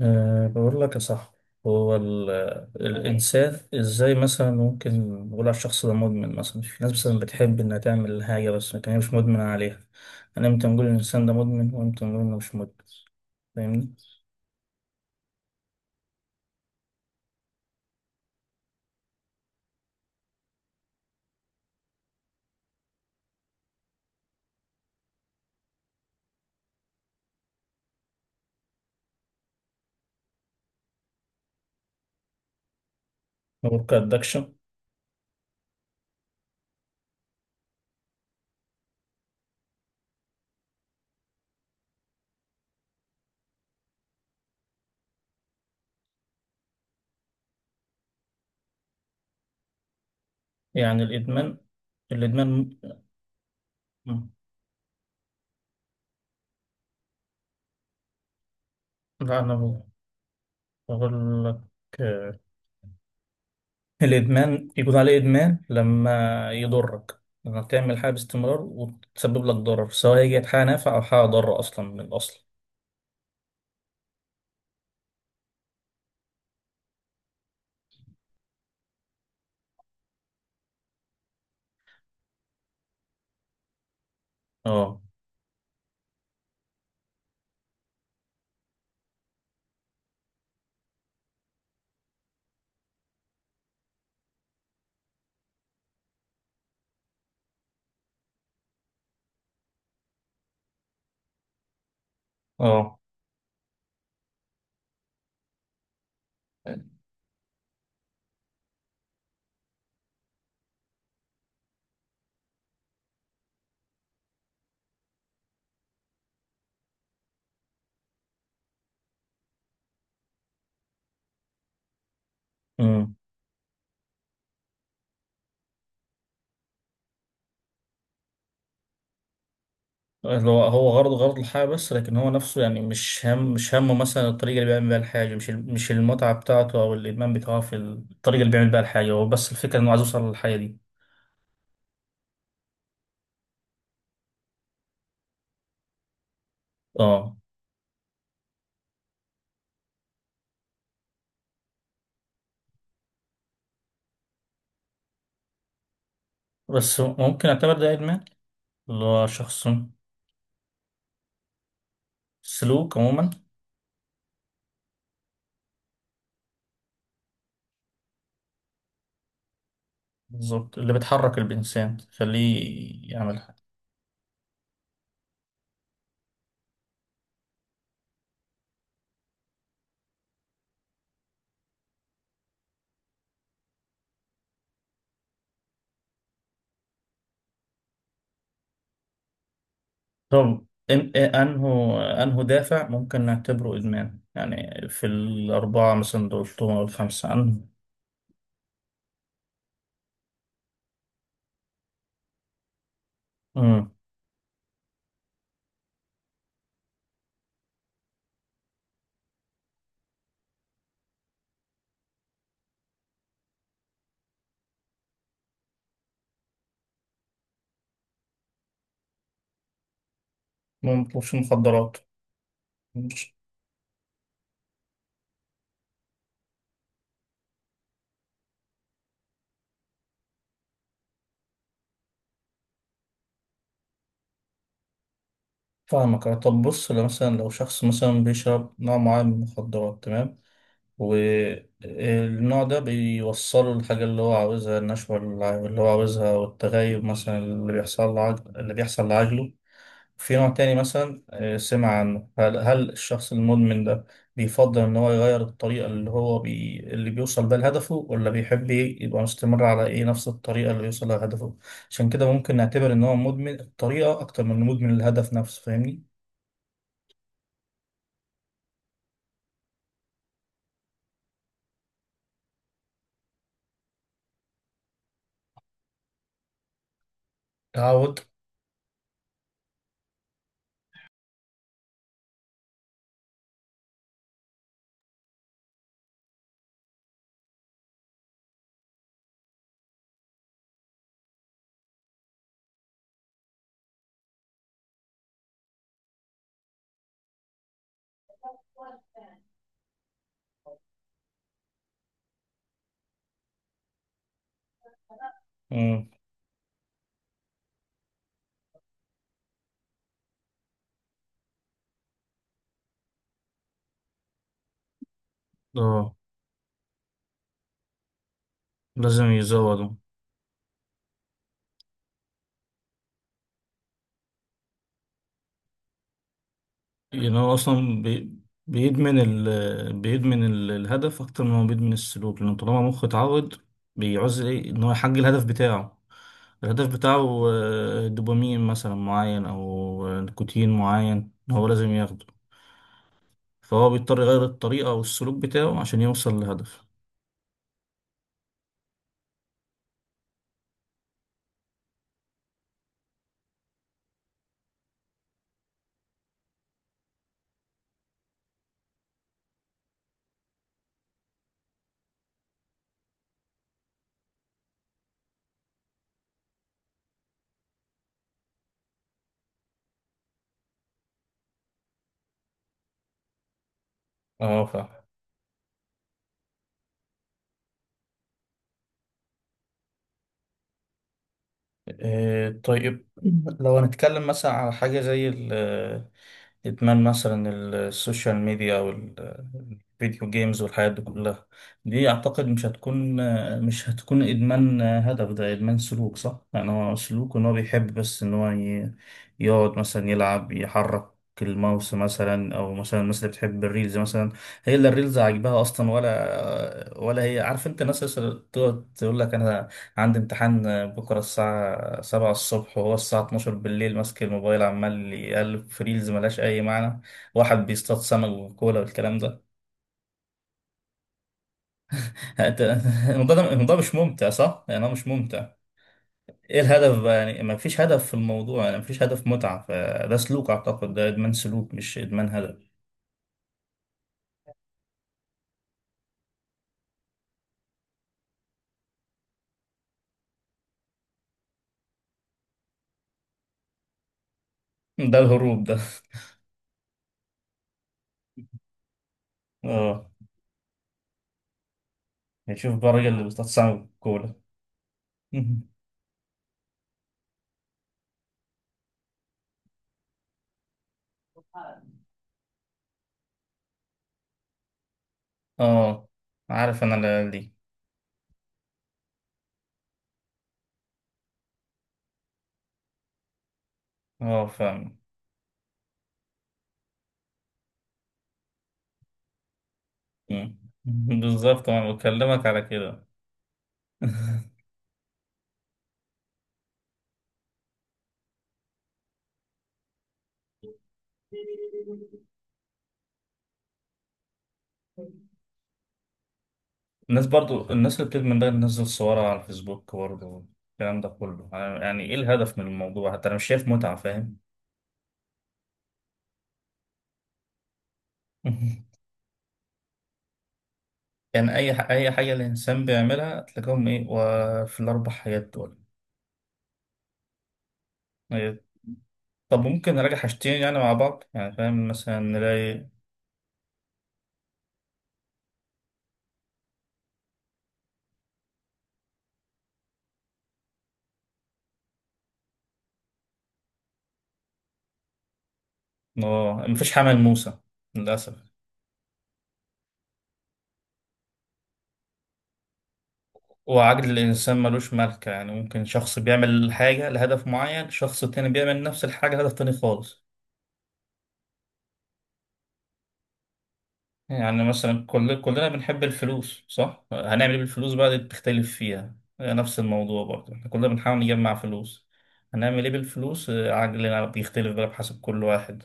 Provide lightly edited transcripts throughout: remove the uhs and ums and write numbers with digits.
أه، بقول لك يا صاحبي. هو ال- تمام. الإنسان إزاي مثلا ممكن نقول على الشخص ده مدمن؟ مثلا في ناس مثلا بتحب إنها تعمل حاجة، بس لكن هي مش مدمنة عليها. أنا إمتى نقول إن الإنسان ده مدمن، وإمتى نقول إنه مش مدمن؟ فاهمني؟ نقول كأدكشن. يعني الإدمان، الإدمان م- لا أنا بقول لك. آه، الإدمان يكون عليه إدمان لما يضرك، لما تعمل حاجة باستمرار وتسبب لك ضرر، سواء هي كانت حاجة نافعة أو حاجة ضارة أصلا من الأصل. اه. اه. امم اللي هو غرضه غرض الحياة، بس لكن هو نفسه يعني مش همه مثلا الطريقة اللي بيعمل بيها الحاجة. مش المتعة بتاعته أو الإدمان بتاعه في الطريقة اللي بيعمل بيها الحاجة، هو بس الفكرة إنه عايز يوصل للحاجة دي. اه، بس ممكن أعتبر ده إدمان؟ اللي هو شخص... سلوك عموما. بالظبط، اللي بتحرك الإنسان تخليه يعملها. طب إيه أنه دافع ممكن نعتبره إدمان؟ يعني في الأربعة مثلا دول أو الخمسة، أنه ما بيطلبش مخدرات. مش فاهمك. أه، طب بص، لو مثلا شخص مثلا بيشرب نوع معين من المخدرات، تمام. والنوع ده بيوصله الحاجة اللي هو عاوزها، النشوة اللي هو عاوزها، والتغيب مثلا اللي بيحصل لعجله. في نوع تاني مثلا، سمع عنه. هل الشخص المدمن ده بيفضل إن هو يغير الطريقة اللي هو اللي بيوصل بيها لهدفه، ولا بيحب يبقى مستمر على إيه نفس الطريقة اللي بيوصل لها لهدفه؟ عشان كده ممكن نعتبر إن هو مدمن الطريقة أكتر من مدمن الهدف نفسه، فاهمني؟ تعود. مم. اه، لازم يزوده. يعني هو اصلا بيدمن بيدمن الهدف اكتر ما هو بيدمن السلوك، لان طالما مخه اتعود، بيعوز ايه ان هو يحقق الهدف بتاعه. الهدف بتاعه، دوبامين مثلا معين، او نيكوتين معين هو لازم ياخده. فهو بيضطر يغير الطريقة او السلوك بتاعه عشان يوصل لهدف. اه، فاهم. آه، طيب. لو هنتكلم مثلا على حاجة زي إدمان مثلا السوشيال ميديا، أو الفيديو جيمز، والحاجات دي كلها، دي أعتقد مش هتكون إدمان هدف، ده إدمان سلوك، صح؟ يعني هو سلوك، إن هو بيحب بس إن هو يقعد مثلا يلعب، يحرك الماوس مثلا، او مثلا الناس اللي بتحب الريلز مثلا. هي اللي الريلز عاجباها اصلا، ولا هي؟ عارف انت الناس اللي تقعد تقول لك، انا عندي امتحان بكرة الساعة 7 الصبح، وهو الساعة 12 بالليل ماسك الموبايل عمال يقلب في ريلز ملهاش أي معنى. واحد بيصطاد سمك وكولا والكلام ده. أنت- الموضوع ده، الموضوع مش ممتع، صح؟ يعني هو مش ممتع. ايه الهدف بقى؟ يعني ما فيش هدف في الموضوع، يعني ما فيش هدف متعة. فده سلوك، أعتقد ده إدمان سلوك، مش إدمان هدف. ده الهروب ده. اه، نشوف بقى الراجل اللي بيصطاد سمك وكولا. اه، عارف أنا العيال دي. اه، فاهم. مم. بالظبط، انا بكلمك على كده. الناس، برضو الناس اللي بتدمن ده تنزل صورها على الفيسبوك. برضو، الكلام ده كله، يعني ايه الهدف من الموضوع؟ حتى انا مش شايف متعة، فاهم. يعني اي حاجة الانسان بيعملها تلاقيهم ايه، وفي الاربع حاجات دول. إيه. طب ممكن نراجع حاجتين يعني مع بعض، يعني فاهم، مثلا نلاقي. اه، مفيش حمل موسى للاسف. وعجل الإنسان ملوش ملكة، يعني ممكن شخص بيعمل حاجة لهدف معين، شخص تاني بيعمل نفس الحاجة لهدف تاني خالص. يعني مثلا كلنا بنحب الفلوس، صح؟ هنعمل ايه بالفلوس بقى؟ دي بتختلف فيها. نفس الموضوع برضه، احنا كلنا بنحاول نجمع فلوس، هنعمل ايه بالفلوس؟ عقلنا بيختلف بقى بحسب كل واحد.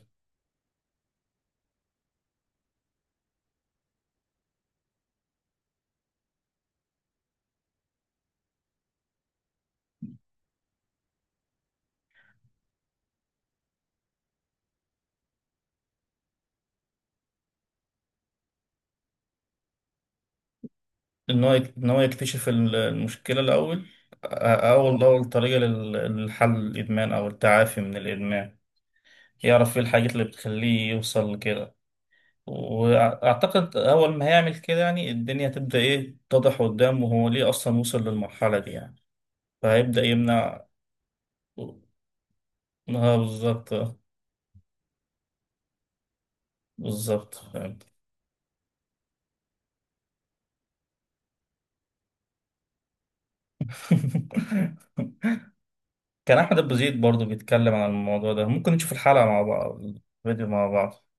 ان هو ان هو يكتشف المشكلة الأول. أول طريقة للحل الإدمان، أو التعافي من الإدمان. يعرف ايه الحاجات اللي بتخليه يوصل لكده. وأعتقد أول ما هيعمل كده، يعني الدنيا هتبدأ إيه تتضح قدامه هو ليه أصلا وصل للمرحلة دي يعني. فهيبدأ يمنع. اه، بالظبط. بالظبط، فهمت. كان احمد ابو زيد برضه بيتكلم عن الموضوع ده، ممكن نشوف الحلقه مع بعض، الفيديو مع بعض.